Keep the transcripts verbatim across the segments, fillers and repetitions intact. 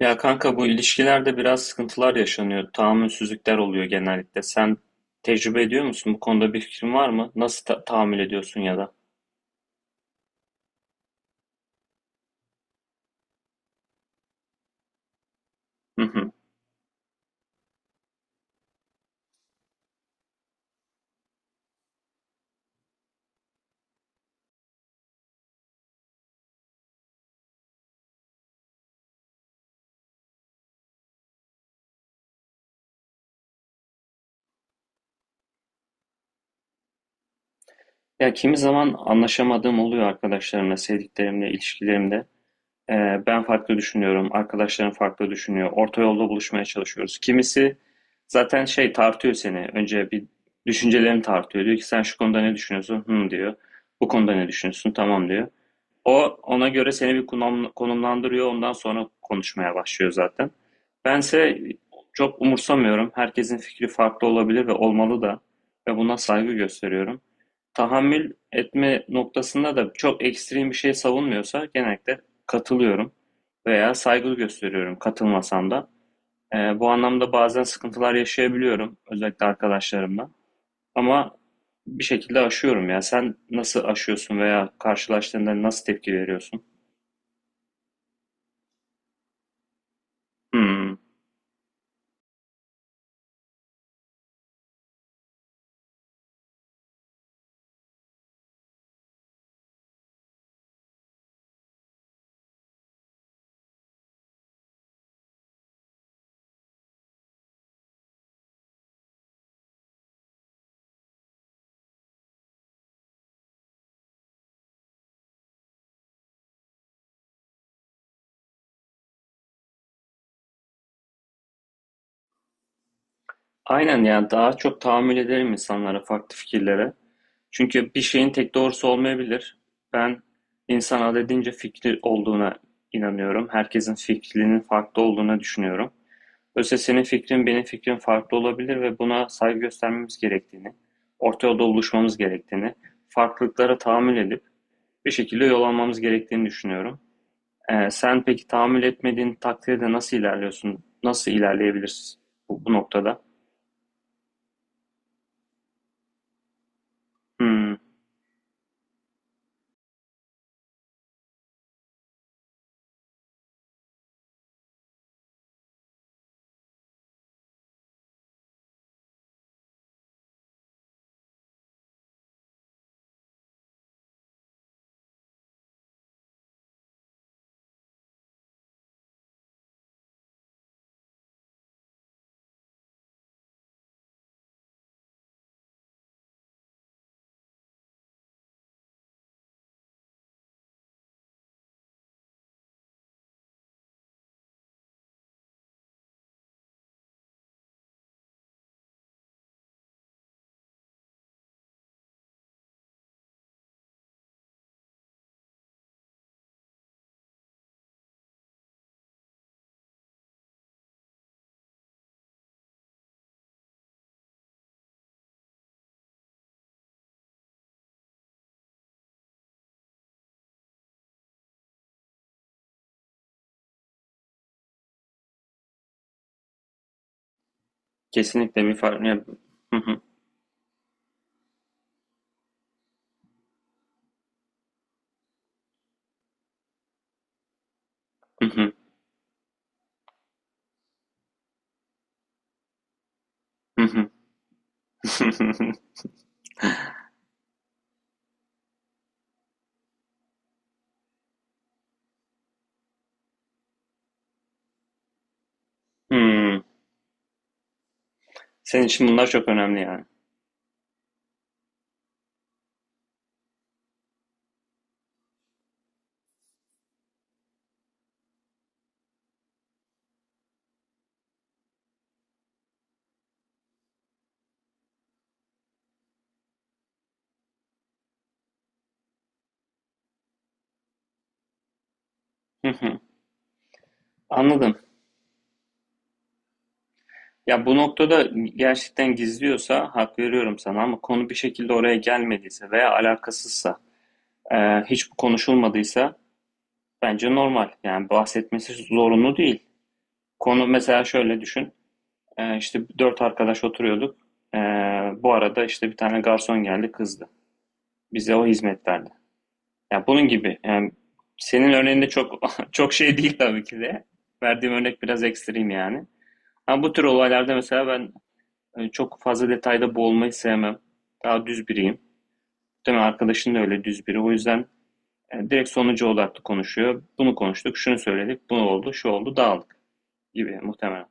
Ya kanka bu ilişkilerde biraz sıkıntılar yaşanıyor. Tahammülsüzlükler oluyor genellikle. Sen tecrübe ediyor musun? Bu konuda bir fikrin var mı? Nasıl ta- tahammül ediyorsun ya da? Hı hı. Ya kimi zaman anlaşamadığım oluyor arkadaşlarımla, sevdiklerimle, ilişkilerimde. Ee, Ben farklı düşünüyorum, arkadaşlarım farklı düşünüyor. Orta yolda buluşmaya çalışıyoruz. Kimisi zaten şey tartıyor seni. Önce bir düşüncelerini tartıyor. Diyor ki sen şu konuda ne düşünüyorsun? Hı diyor. Bu konuda ne düşünüyorsun? Tamam diyor. O ona göre seni bir konum- konumlandırıyor. Ondan sonra konuşmaya başlıyor zaten. Bense çok umursamıyorum. Herkesin fikri farklı olabilir ve olmalı da. Ve buna saygı gösteriyorum. Tahammül etme noktasında da çok ekstrem bir şey savunmuyorsa genellikle katılıyorum veya saygı gösteriyorum katılmasam da. Ee, bu anlamda bazen sıkıntılar yaşayabiliyorum özellikle arkadaşlarımla. Ama bir şekilde aşıyorum ya. Sen nasıl aşıyorsun veya karşılaştığında nasıl tepki veriyorsun? Hmm. Aynen, yani daha çok tahammül ederim insanlara, farklı fikirlere. Çünkü bir şeyin tek doğrusu olmayabilir. Ben insan adedince fikri olduğuna inanıyorum. Herkesin fikrinin farklı olduğuna düşünüyorum. Öyleyse senin fikrin benim fikrim farklı olabilir ve buna saygı göstermemiz gerektiğini, orta yolda buluşmamız gerektiğini, farklılıklara tahammül edip bir şekilde yol almamız gerektiğini düşünüyorum. Ee, sen peki tahammül etmediğin takdirde nasıl ilerliyorsun? Nasıl ilerleyebilirsin bu, bu noktada? Hmm. Kesinlikle bir fark ya. Hı hı. Hı hı. Hı hı. Hımm. Senin için bunlar çok önemli yani. Hı hı. Anladım. Ya, bu noktada gerçekten gizliyorsa hak veriyorum sana, ama konu bir şekilde oraya gelmediyse veya alakasızsa, eee, hiç konuşulmadıysa bence normal. Yani bahsetmesi zorunlu değil. Konu mesela şöyle düşün, eee, işte dört arkadaş oturuyorduk. Eee, bu arada, işte, bir tane garson geldi, kızdı. Bize o hizmet verdi. Ya bunun gibi. Yani senin örneğinde çok çok şey değil tabii ki de. Verdiğim örnek biraz ekstrem yani. Ama bu tür olaylarda mesela ben e, çok fazla detayda boğulmayı sevmem. Daha düz biriyim. Değil mi? Arkadaşın da öyle düz biri. O yüzden e, direkt sonuca odaklı konuşuyor. Bunu konuştuk, şunu söyledik, bu oldu, şu oldu, dağıldık gibi muhtemelen.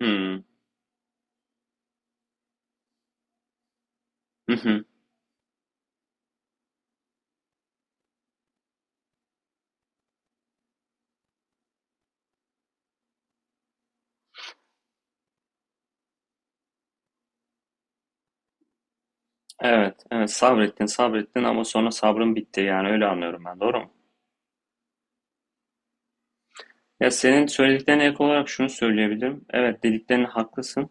Hmm. Hı hı. Evet, evet, sabrettin, sabrettin ama sonra sabrın bitti, yani öyle anlıyorum ben. Doğru mu? Ya senin söylediklerine ek olarak şunu söyleyebilirim. Evet, dediklerine haklısın.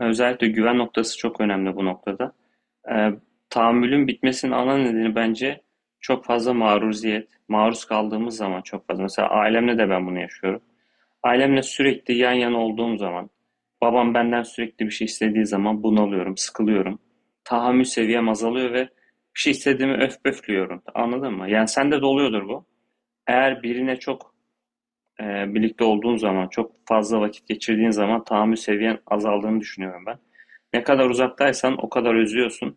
Özellikle güven noktası çok önemli bu noktada. Ee, Tahammülün bitmesinin ana nedeni bence çok fazla maruziyet. Maruz kaldığımız zaman çok fazla. Mesela ailemle de ben bunu yaşıyorum. Ailemle sürekli yan yana olduğum zaman, babam benden sürekli bir şey istediği zaman bunalıyorum, sıkılıyorum. Tahammül seviyem azalıyor ve bir şey istediğimi öf pöflüyorum. Anladın mı? Yani sende de oluyordur bu. Eğer birine çok Eee, birlikte olduğun zaman, çok fazla vakit geçirdiğin zaman tahammül seviyen azaldığını düşünüyorum ben. Ne kadar uzaktaysan o kadar özlüyorsun,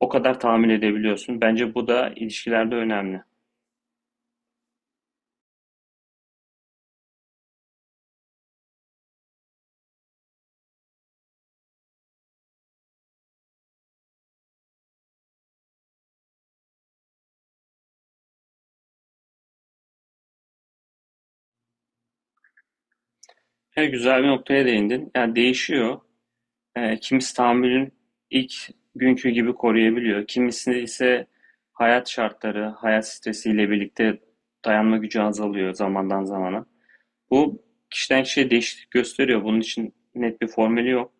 o kadar tahammül edebiliyorsun. Bence bu da ilişkilerde önemli. E, güzel bir noktaya değindin. Yani değişiyor. E, kimisi tahammülün ilk günkü gibi koruyabiliyor. Kimisi ise hayat şartları, hayat stresiyle birlikte dayanma gücü azalıyor zamandan zamana. Bu kişiden kişiye değişiklik gösteriyor. Bunun için net bir formülü yok.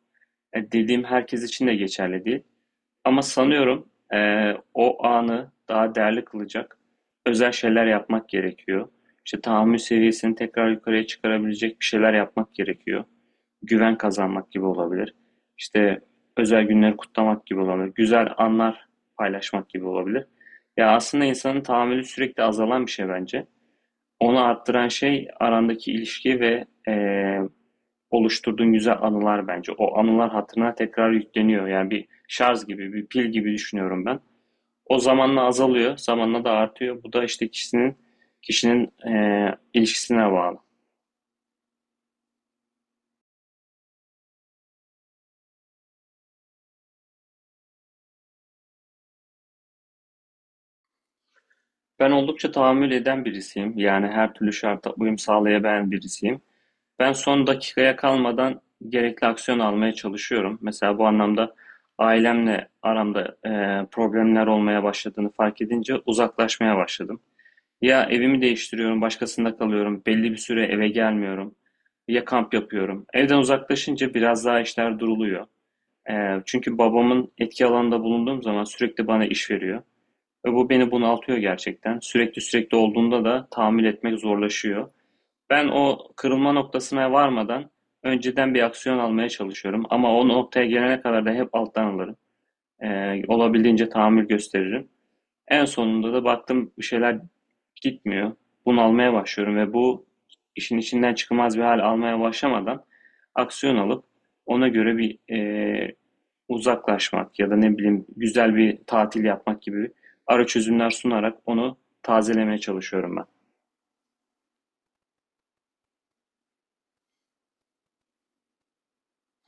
E, dediğim herkes için de geçerli değil. Ama sanıyorum e, o anı daha değerli kılacak özel şeyler yapmak gerekiyor. İşte tahammül seviyesini tekrar yukarıya çıkarabilecek bir şeyler yapmak gerekiyor. Güven kazanmak gibi olabilir. İşte özel günleri kutlamak gibi olabilir. Güzel anlar paylaşmak gibi olabilir. Ya aslında insanın tahammülü sürekli azalan bir şey bence. Onu arttıran şey arandaki ilişki ve e, oluşturduğun güzel anılar bence. O anılar hatırına tekrar yükleniyor. Yani bir şarj gibi, bir pil gibi düşünüyorum ben. O zamanla azalıyor, zamanla da artıyor. Bu da işte kişinin kişinin eee, ilişkisine bağlı. Ben oldukça tahammül eden birisiyim. Yani her türlü şarta uyum sağlayabilen birisiyim. Ben son dakikaya kalmadan gerekli aksiyon almaya çalışıyorum. Mesela bu anlamda ailemle aramda eee, problemler olmaya başladığını fark edince uzaklaşmaya başladım. Ya evimi değiştiriyorum, başkasında kalıyorum, belli bir süre eve gelmiyorum. Ya kamp yapıyorum. Evden uzaklaşınca biraz daha işler duruluyor. Ee, çünkü babamın etki alanında bulunduğum zaman sürekli bana iş veriyor. Ve bu beni bunaltıyor gerçekten. Sürekli sürekli olduğunda da tahammül etmek zorlaşıyor. Ben o kırılma noktasına varmadan önceden bir aksiyon almaya çalışıyorum. Ama o noktaya gelene kadar da hep alttan alırım. Ee, olabildiğince tahammül gösteririm. En sonunda da baktım bir şeyler gitmiyor. Bunalmaya başlıyorum ve bu işin içinden çıkılmaz bir hal almaya başlamadan aksiyon alıp ona göre bir e, uzaklaşmak ya da ne bileyim güzel bir tatil yapmak gibi ara çözümler sunarak onu tazelemeye çalışıyorum ben.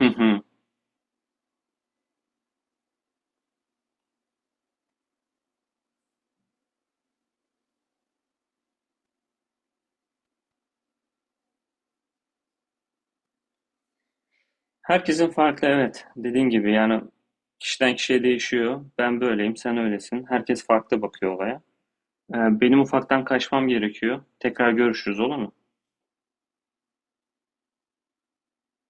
Hı hı. Herkesin farklı, evet. Dediğin gibi yani kişiden kişiye değişiyor. Ben böyleyim, sen öylesin. Herkes farklı bakıyor olaya. Ee, benim ufaktan kaçmam gerekiyor. Tekrar görüşürüz, olur mu?